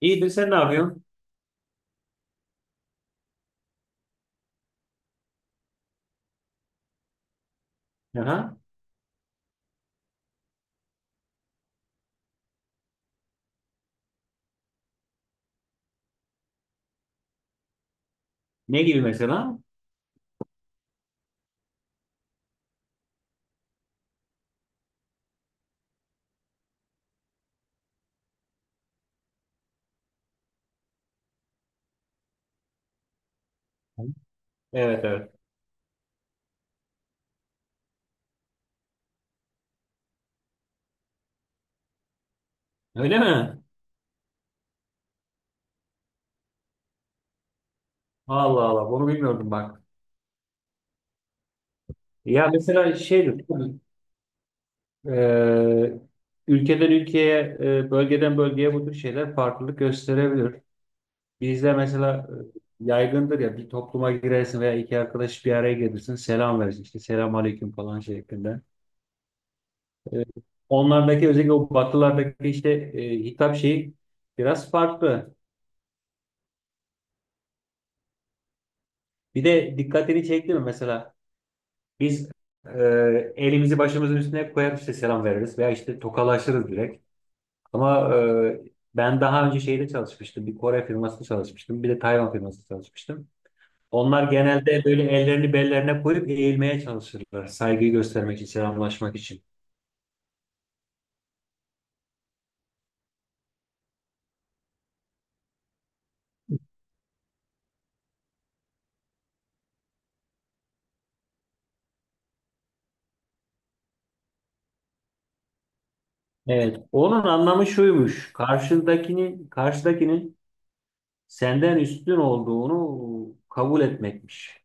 İyidir, sen ne yapıyorsun? Aha. Ne gibi mesela? Evet, evet. Öyle mi? Allah Allah, bunu bilmiyordum bak. Ya mesela şeydir e, ülkeden ülkeye, bölgeden bölgeye bu tür şeyler farklılık gösterebilir. Bizde mesela yaygındır ya, bir topluma girersin veya iki arkadaş bir araya gelirsin, selam verirsin işte selam aleyküm falan şeklinde. E, Onlardaki, özellikle o batılardaki işte hitap şeyi biraz farklı. Bir de dikkatini çekti mi mesela? Biz elimizi başımızın üstüne koyar işte selam veririz veya işte tokalaşırız direkt. Ama ben daha önce şeyde çalışmıştım. Bir Kore firmasında çalışmıştım. Bir de Tayvan firmasında çalışmıştım. Onlar genelde böyle ellerini bellerine koyup eğilmeye çalışırlar. Saygıyı göstermek için, selamlaşmak için. Evet. Onun anlamı şuymuş: karşındakinin, karşıdakinin senden üstün olduğunu kabul etmekmiş.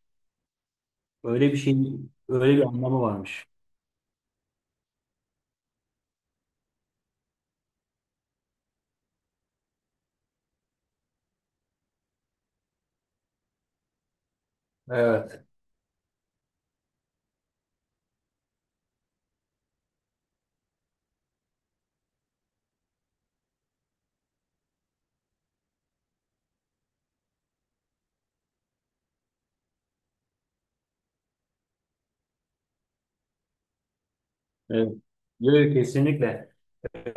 Öyle bir şeyin, öyle bir anlamı varmış. Evet. Evet. Yok, kesinlikle.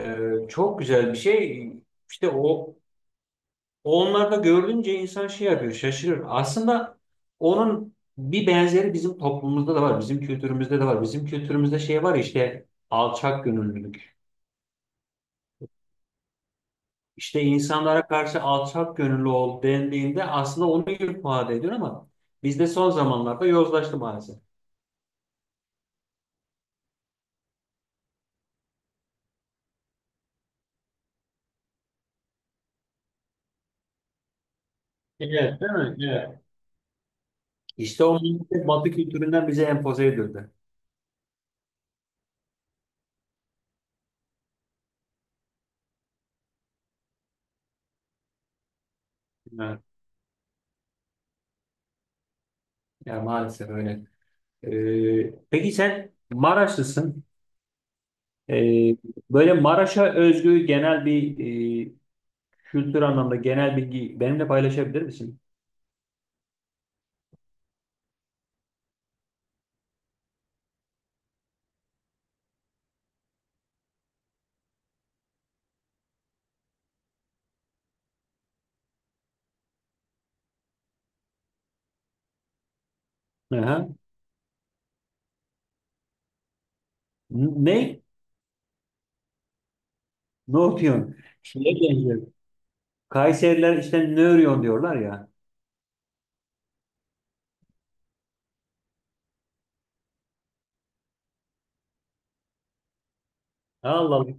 Çok güzel bir şey. İşte o, onlarda görünce insan şey yapıyor, şaşırır. Aslında onun bir benzeri bizim toplumumuzda da var, bizim kültürümüzde de var. Bizim kültürümüzde şey var işte, alçak gönüllülük. İşte insanlara karşı alçak gönüllü ol dendiğinde aslında onu ifade ediyor, ama bizde son zamanlarda yozlaştı maalesef. Evet, değil mi? Evet. İşte o maalesef Batı kültüründen bize empoze edildi. Evet. Yani maalesef öyle. Peki sen Maraşlısın. Ee, Böyle Maraş'a özgü genel bir e, kültür anlamda genel bilgi benimle paylaşabilir misin? Aha. N- Ne? Ne okuyorsun? Şeye benziyor. Kayseriler işte ne örüyorsun diyorlar ya. Allah Allah.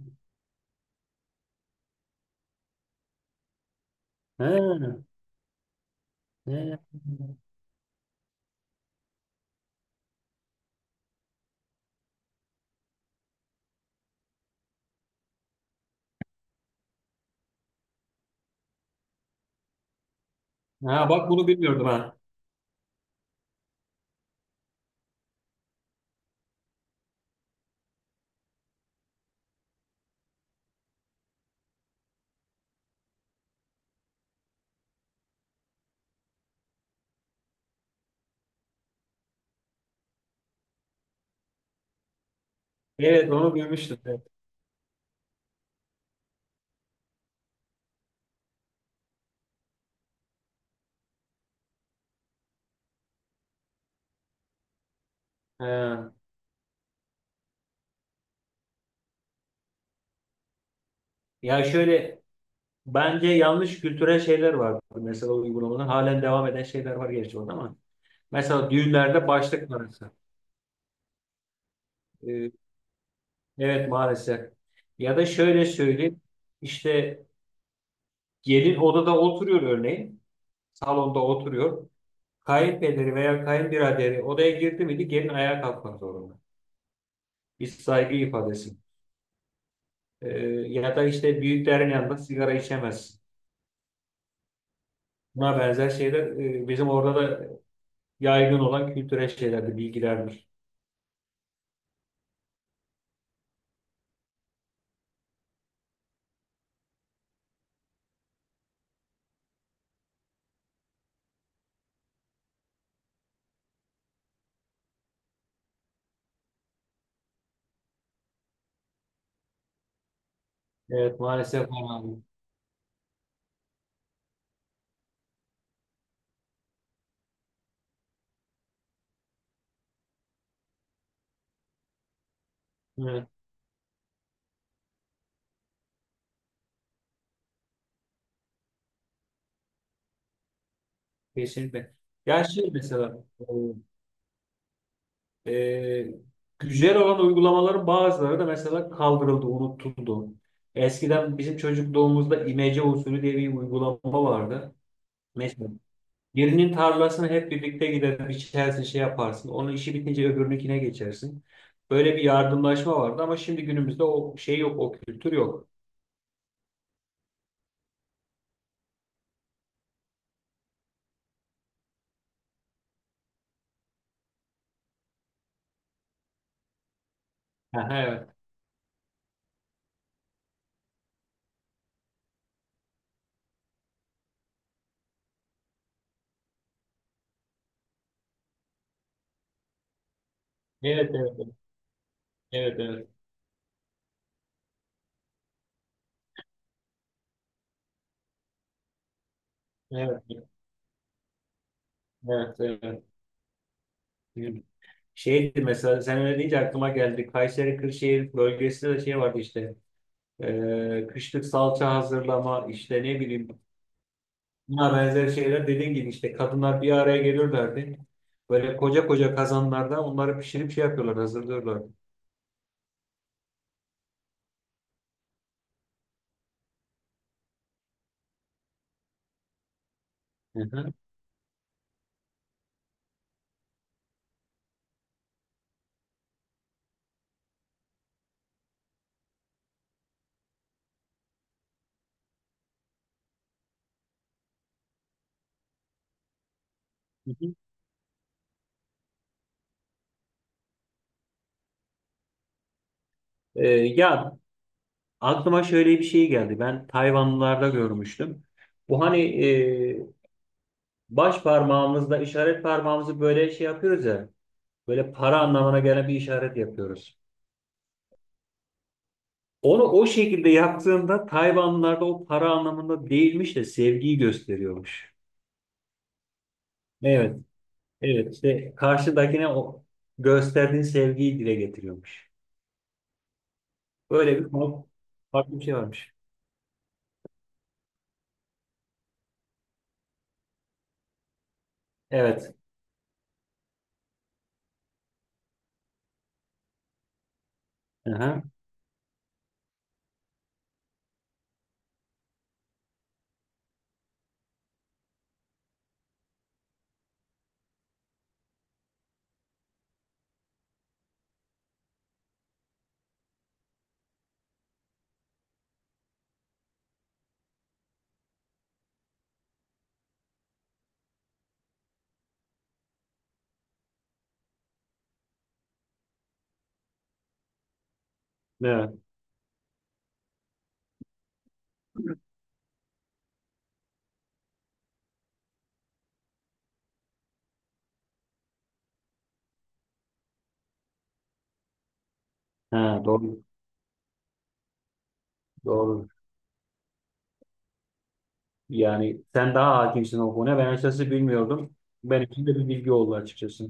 Ha, ha. Ha, bak bunu bilmiyordum ha. Evet, onu duymuştum. Evet. Ha. Ya şöyle, bence yanlış kültürel şeyler var. Mesela uygulamadan halen devam eden şeyler var gerçi orada ama. Mesela düğünlerde başlık parası. Evet maalesef. Ya da şöyle söyleyeyim. İşte gelin odada oturuyor örneğin. Salonda oturuyor. Kayınpederi veya kayınbiraderi odaya girdi miydi gelin ayağa kalkmak zorunda. Bir saygı ifadesi. Ee, Ya da işte büyüklerin yanında sigara içemez. Buna benzer şeyler bizim orada da yaygın olan kültürel şeylerdir, bilgilerdir. Evet maalesef var abi. Evet, kesinlikle. Ya şey mesela E, güzel olan uygulamaların bazıları da mesela kaldırıldı, unutuldu. Eskiden bizim çocukluğumuzda imece usulü diye bir uygulama vardı. Mesela birinin tarlasını hep birlikte gider, biçersin, şey yaparsın. Onun işi bitince öbürününkine geçersin. Böyle bir yardımlaşma vardı, ama şimdi günümüzde o şey yok, o kültür yok. Aha, evet. Evet, evet, evet, evet, evet, evet, evet. Evet. Şeydi mesela, sen öyle deyince aklıma geldi. Kayseri Kırşehir bölgesinde de şey vardı işte. Kışlık salça hazırlama, işte ne bileyim, buna benzer şeyler, dediğin gibi işte kadınlar bir araya gelirlerdi. Böyle koca koca kazanlarda onları pişirip şey yapıyorlar, hazırlıyorlardı. Hı hı. Hı hı. Ya, aklıma şöyle bir şey geldi. Ben Tayvanlılarda görmüştüm. Bu hani baş parmağımızla işaret parmağımızı böyle şey yapıyoruz ya. Böyle para anlamına gelen bir işaret yapıyoruz. Onu o şekilde yaptığında Tayvanlılarda o para anlamında değilmiş de sevgiyi gösteriyormuş. Evet, evet, işte karşıdakine o gösterdiğin sevgiyi dile getiriyormuş. Böyle bir konu- farklı bir şey varmış. Evet. Aha, evet. Ha, doğru. Doğru. Yani sen daha hakimsin o konuya. Ben açıkçası bilmiyordum. Benim için de bir bilgi oldu açıkçası.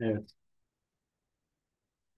Evet.